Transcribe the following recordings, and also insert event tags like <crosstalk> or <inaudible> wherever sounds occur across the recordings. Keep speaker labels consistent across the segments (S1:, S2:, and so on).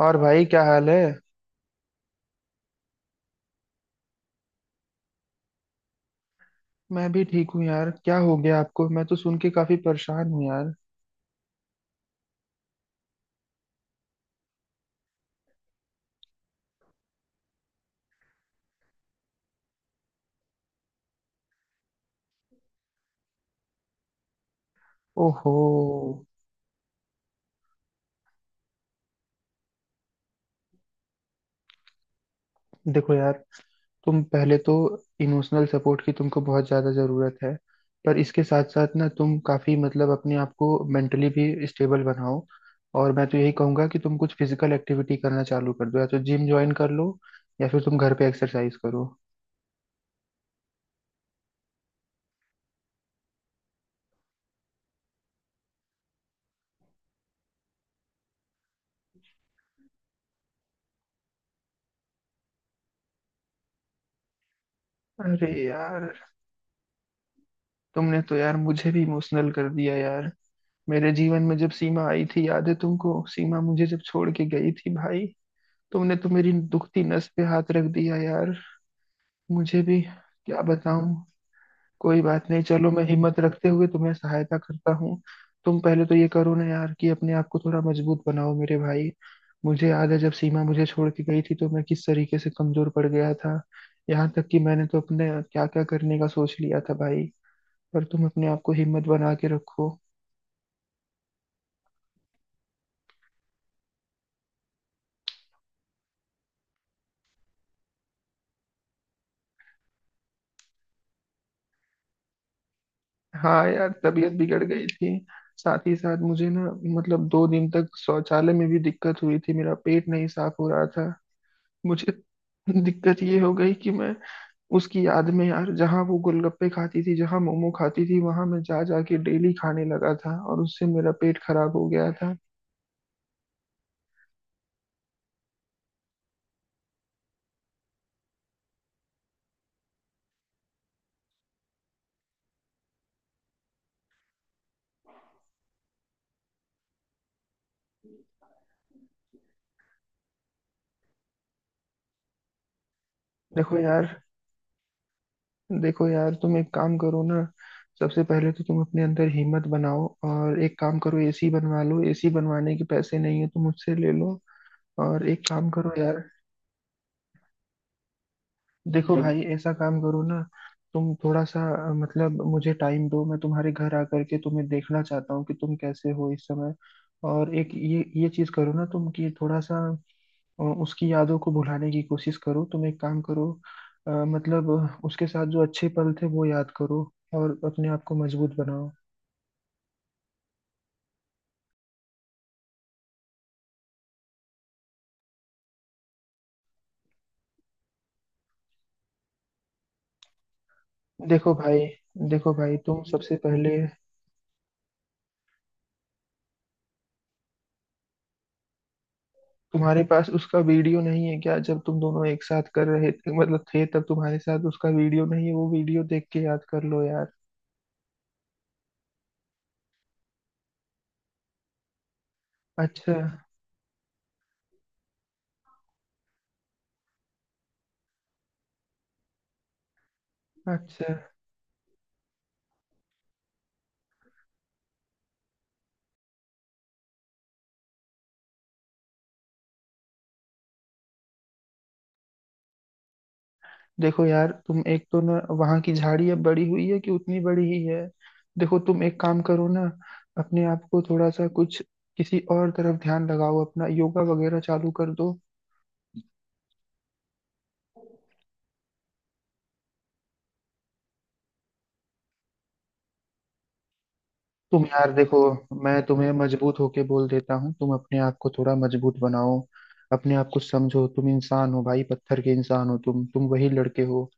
S1: और भाई क्या हाल है? मैं भी ठीक हूँ यार, क्या हो गया आपको? मैं तो सुन के काफी परेशान हूँ यार। ओहो, देखो यार, तुम पहले तो इमोशनल सपोर्ट की तुमको बहुत ज्यादा जरूरत है, पर इसके साथ साथ ना तुम काफी मतलब अपने आप को मेंटली भी स्टेबल बनाओ। और मैं तो यही कहूंगा कि तुम कुछ फिजिकल एक्टिविटी करना चालू कर दो, या तो जिम ज्वाइन कर लो या फिर तुम घर पे एक्सरसाइज करो। अरे यार, तुमने तो यार मुझे भी इमोशनल कर दिया यार। मेरे जीवन में जब सीमा आई थी, याद है तुमको, सीमा मुझे जब छोड़ के गई थी भाई, तुमने तो मेरी दुखती नस पे हाथ रख दिया यार। मुझे भी क्या बताऊं। कोई बात नहीं, चलो मैं हिम्मत रखते हुए तुम्हें सहायता करता हूँ। तुम पहले तो ये करो ना यार, कि अपने आप को थोड़ा मजबूत बनाओ मेरे भाई। मुझे याद है जब सीमा मुझे छोड़ के गई थी तो मैं किस तरीके से कमजोर पड़ गया था। यहाँ तक कि मैंने तो अपने क्या क्या करने का सोच लिया था भाई। पर तुम अपने आप को हिम्मत बना के रखो। हाँ यार, तबीयत बिगड़ गई थी। साथ ही साथ मुझे ना, मतलब दो दिन तक शौचालय में भी दिक्कत हुई थी, मेरा पेट नहीं साफ हो रहा था। मुझे <laughs> दिक्कत ये हो गई कि मैं उसकी याद में यार, जहाँ वो गोलगप्पे खाती थी, जहाँ मोमो खाती थी, वहां मैं जा जा के डेली खाने लगा था और उससे मेरा पेट खराब हो गया था। देखो यार, देखो यार, तुम एक काम करो ना, सबसे पहले तो तुम अपने अंदर हिम्मत बनाओ, और एक काम करो, एसी बनवा लो, एसी बनवाने के पैसे नहीं है तो मुझसे ले लो। और एक काम करो यार, देखो तो भाई, ऐसा काम करो ना, तुम थोड़ा सा मतलब मुझे टाइम दो, मैं तुम्हारे घर आकर के तुम्हें देखना चाहता हूँ कि तुम कैसे हो इस समय। और एक ये चीज करो ना तुम, कि थोड़ा सा उसकी यादों को भुलाने की कोशिश करो। तुम एक काम करो, मतलब उसके साथ जो अच्छे पल थे वो याद करो और अपने आप को मजबूत बनाओ। देखो भाई, देखो भाई, तुम सबसे पहले, तुम्हारे पास उसका वीडियो नहीं है क्या? जब तुम दोनों एक साथ कर रहे थे, मतलब थे, तब तुम्हारे साथ उसका वीडियो नहीं है? वो वीडियो देख के याद कर लो यार। अच्छा। अच्छा, देखो यार, तुम एक तो ना, वहां की झाड़ी अब बड़ी हुई है कि उतनी बड़ी ही है? देखो तुम एक काम करो ना, अपने आप को थोड़ा सा कुछ किसी और तरफ ध्यान लगाओ, अपना योगा वगैरह चालू कर दो। तुम यार देखो, मैं तुम्हें मजबूत होके बोल देता हूँ, तुम अपने आप को थोड़ा मजबूत बनाओ, अपने आप को समझो। तुम इंसान हो भाई, पत्थर के इंसान हो। तुम वही लड़के हो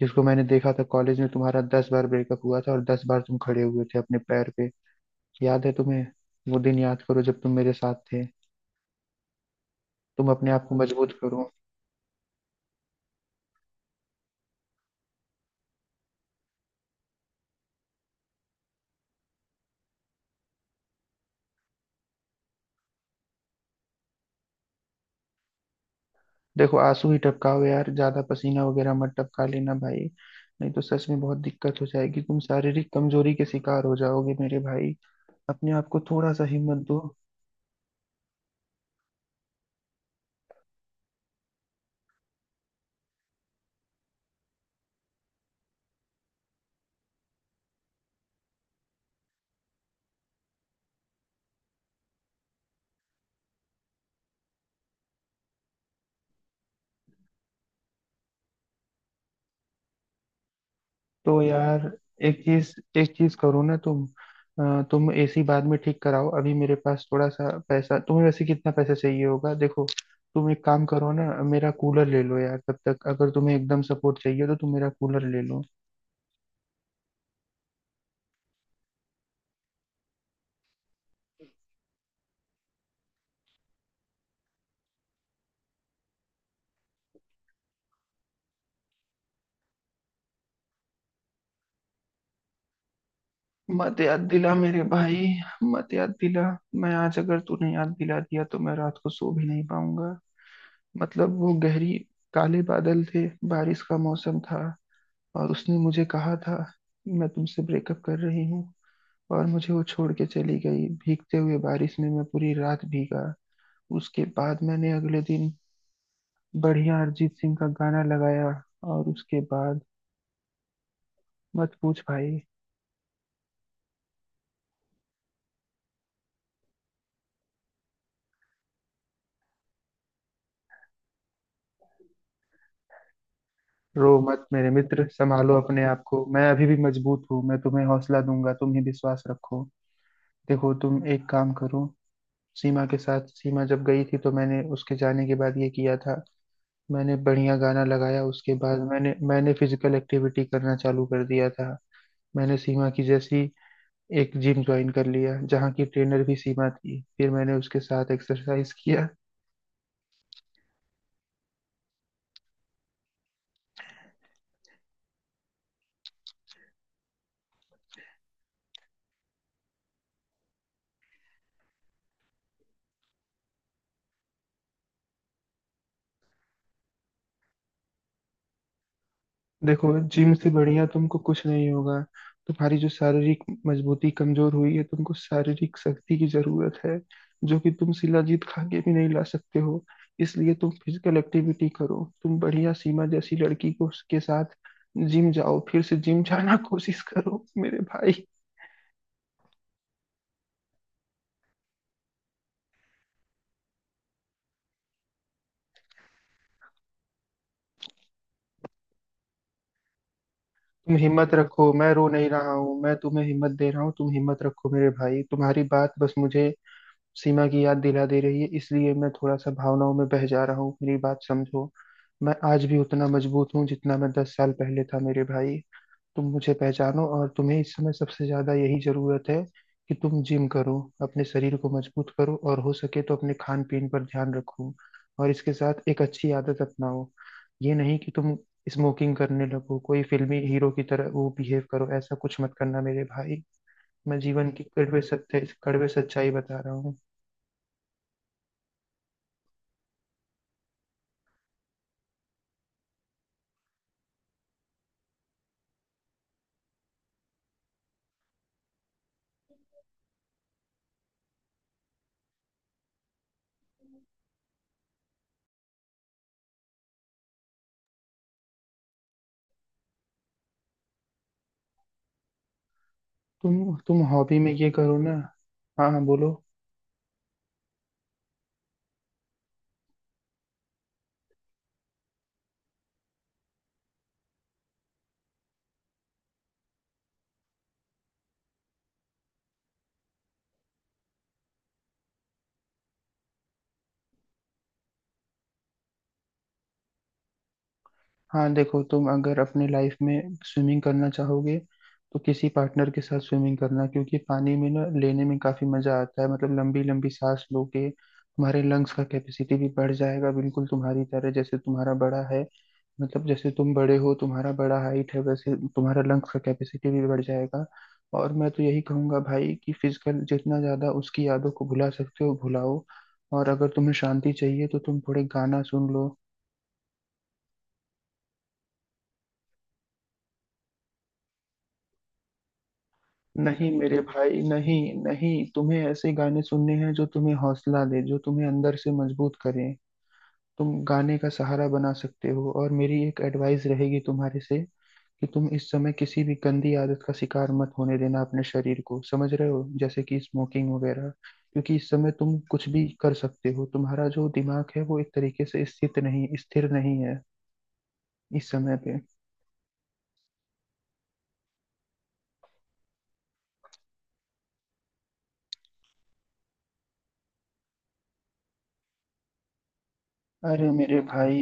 S1: जिसको मैंने देखा था कॉलेज में। तुम्हारा 10 बार ब्रेकअप हुआ था और 10 बार तुम खड़े हुए थे अपने पैर पे। याद है तुम्हें? वो दिन याद करो जब तुम मेरे साथ थे। तुम अपने आप को मजबूत करो। देखो, आंसू ही टपकाओ यार, ज्यादा पसीना वगैरह मत टपका लेना भाई, नहीं तो सच में बहुत दिक्कत हो जाएगी, तुम शारीरिक कमजोरी के शिकार हो जाओगे मेरे भाई। अपने आप को थोड़ा सा हिम्मत दो। तो यार, एक चीज करो ना तुम, तुम एसी बाद में ठीक कराओ, अभी मेरे पास थोड़ा सा पैसा, तुम्हें वैसे कितना पैसा चाहिए होगा? देखो, तुम एक काम करो ना, मेरा कूलर ले लो यार, तब तक अगर तुम्हें एकदम सपोर्ट चाहिए तो तुम मेरा कूलर ले लो। मत याद दिला मेरे भाई, मत याद दिला। मैं आज अगर तूने याद दिला दिया तो मैं रात को सो भी नहीं पाऊंगा। मतलब वो गहरी, काले बादल थे, बारिश का मौसम था, और उसने मुझे कहा था, मैं तुमसे ब्रेकअप कर रही हूँ। और मुझे वो छोड़ के चली गई, भीगते हुए बारिश में मैं पूरी रात भीगा। उसके बाद मैंने अगले दिन बढ़िया अरिजीत सिंह का गाना लगाया, और उसके बाद मत पूछ भाई। रो मत मेरे मित्र, संभालो अपने आप को। मैं अभी भी मजबूत हूँ, मैं तुम्हें हौसला दूंगा, तुम ही विश्वास रखो। देखो तुम एक काम करो, सीमा के साथ, सीमा जब गई थी तो मैंने उसके जाने के बाद ये किया था, मैंने बढ़िया गाना लगाया। उसके बाद मैंने मैंने फिजिकल एक्टिविटी करना चालू कर दिया था। मैंने सीमा की जैसी एक जिम ज्वाइन कर लिया जहाँ की ट्रेनर भी सीमा थी, फिर मैंने उसके साथ एक्सरसाइज किया। देखो, जिम से बढ़िया तुमको कुछ नहीं होगा। तुम्हारी जो शारीरिक मजबूती कमजोर हुई है, तुमको शारीरिक शक्ति की जरूरत है, जो कि तुम शिलाजीत खा के भी नहीं ला सकते हो। इसलिए तुम फिजिकल एक्टिविटी करो, तुम बढ़िया सीमा जैसी लड़की को उसके साथ जिम जाओ, फिर से जिम जाना <laughs> कोशिश करो मेरे भाई। तुम हिम्मत रखो, मैं रो नहीं रहा हूँ, मैं तुम्हें हिम्मत दे रहा हूँ। तुम हिम्मत रखो मेरे भाई, तुम्हारी बात बस मुझे सीमा की याद दिला दे रही है, इसलिए मैं थोड़ा सा भावनाओं में बह जा रहा हूँ, मेरी बात समझो। मैं आज भी उतना मजबूत हूँ जितना मैं 10 साल पहले था मेरे भाई। तुम मुझे पहचानो। और तुम्हें इस समय सबसे ज्यादा यही जरूरत है कि तुम जिम करो, अपने शरीर को मजबूत करो, और हो सके तो अपने खान पीन पर ध्यान रखो, और इसके साथ एक अच्छी आदत अपनाओ। ये नहीं कि तुम स्मोकिंग करने लगो कोई फिल्मी हीरो की तरह, वो बिहेव करो, ऐसा कुछ मत करना मेरे भाई। मैं जीवन की कड़वे सत्य, कड़वे सच्चाई बता रहा हूँ। तुम हॉबी में ये करो ना। हाँ हाँ, बोलो। हाँ, देखो, तुम अगर अपने लाइफ में स्विमिंग करना चाहोगे तो किसी पार्टनर के साथ स्विमिंग करना, क्योंकि पानी में ना लेने में काफी मजा आता है, मतलब लंबी लंबी सांस लोगे, तुम्हारे लंग्स का कैपेसिटी भी बढ़ जाएगा, बिल्कुल तुम्हारी तरह जैसे तुम्हारा बड़ा है। मतलब जैसे तुम बड़े हो, तुम्हारा बड़ा हाइट है, वैसे तुम्हारा लंग्स का कैपेसिटी भी बढ़ जाएगा। और मैं तो यही कहूंगा भाई कि फिजिकल जितना ज्यादा उसकी यादों को भुला सकते हो भुलाओ। और अगर तुम्हें शांति चाहिए तो तुम थोड़े गाना सुन लो। नहीं मेरे भाई, नहीं, नहीं, तुम्हें ऐसे गाने सुनने हैं जो तुम्हें हौसला दे, जो तुम्हें अंदर से मजबूत करें। तुम गाने का सहारा बना सकते हो। और मेरी एक एडवाइस रहेगी तुम्हारे से, कि तुम इस समय किसी भी गंदी आदत का शिकार मत होने देना अपने शरीर को, समझ रहे हो, जैसे कि स्मोकिंग वगैरह। क्योंकि इस समय तुम कुछ भी कर सकते हो, तुम्हारा जो दिमाग है वो एक तरीके से स्थित नहीं, स्थिर नहीं है इस समय पे। अरे मेरे भाई,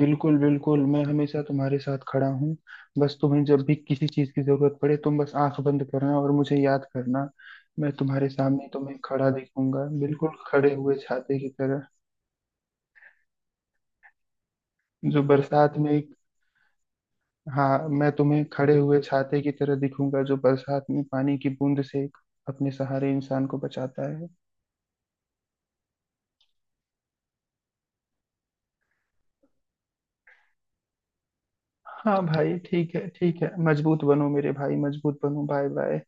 S1: बिल्कुल बिल्कुल, मैं हमेशा तुम्हारे साथ खड़ा हूँ। बस तुम्हें जब भी किसी चीज़ की जरूरत पड़े, तुम बस आंख बंद करना और मुझे याद करना, मैं तुम्हारे सामने तुम्हें खड़ा दिखूंगा, बिल्कुल खड़े हुए छाते की तरह, जो बरसात में। हाँ, मैं तुम्हें खड़े हुए छाते की तरह दिखूंगा जो बरसात में पानी की बूंद से अपने सहारे इंसान को बचाता है। हाँ भाई, ठीक है, ठीक है, मजबूत बनो मेरे भाई, मजबूत बनो, बाय बाय।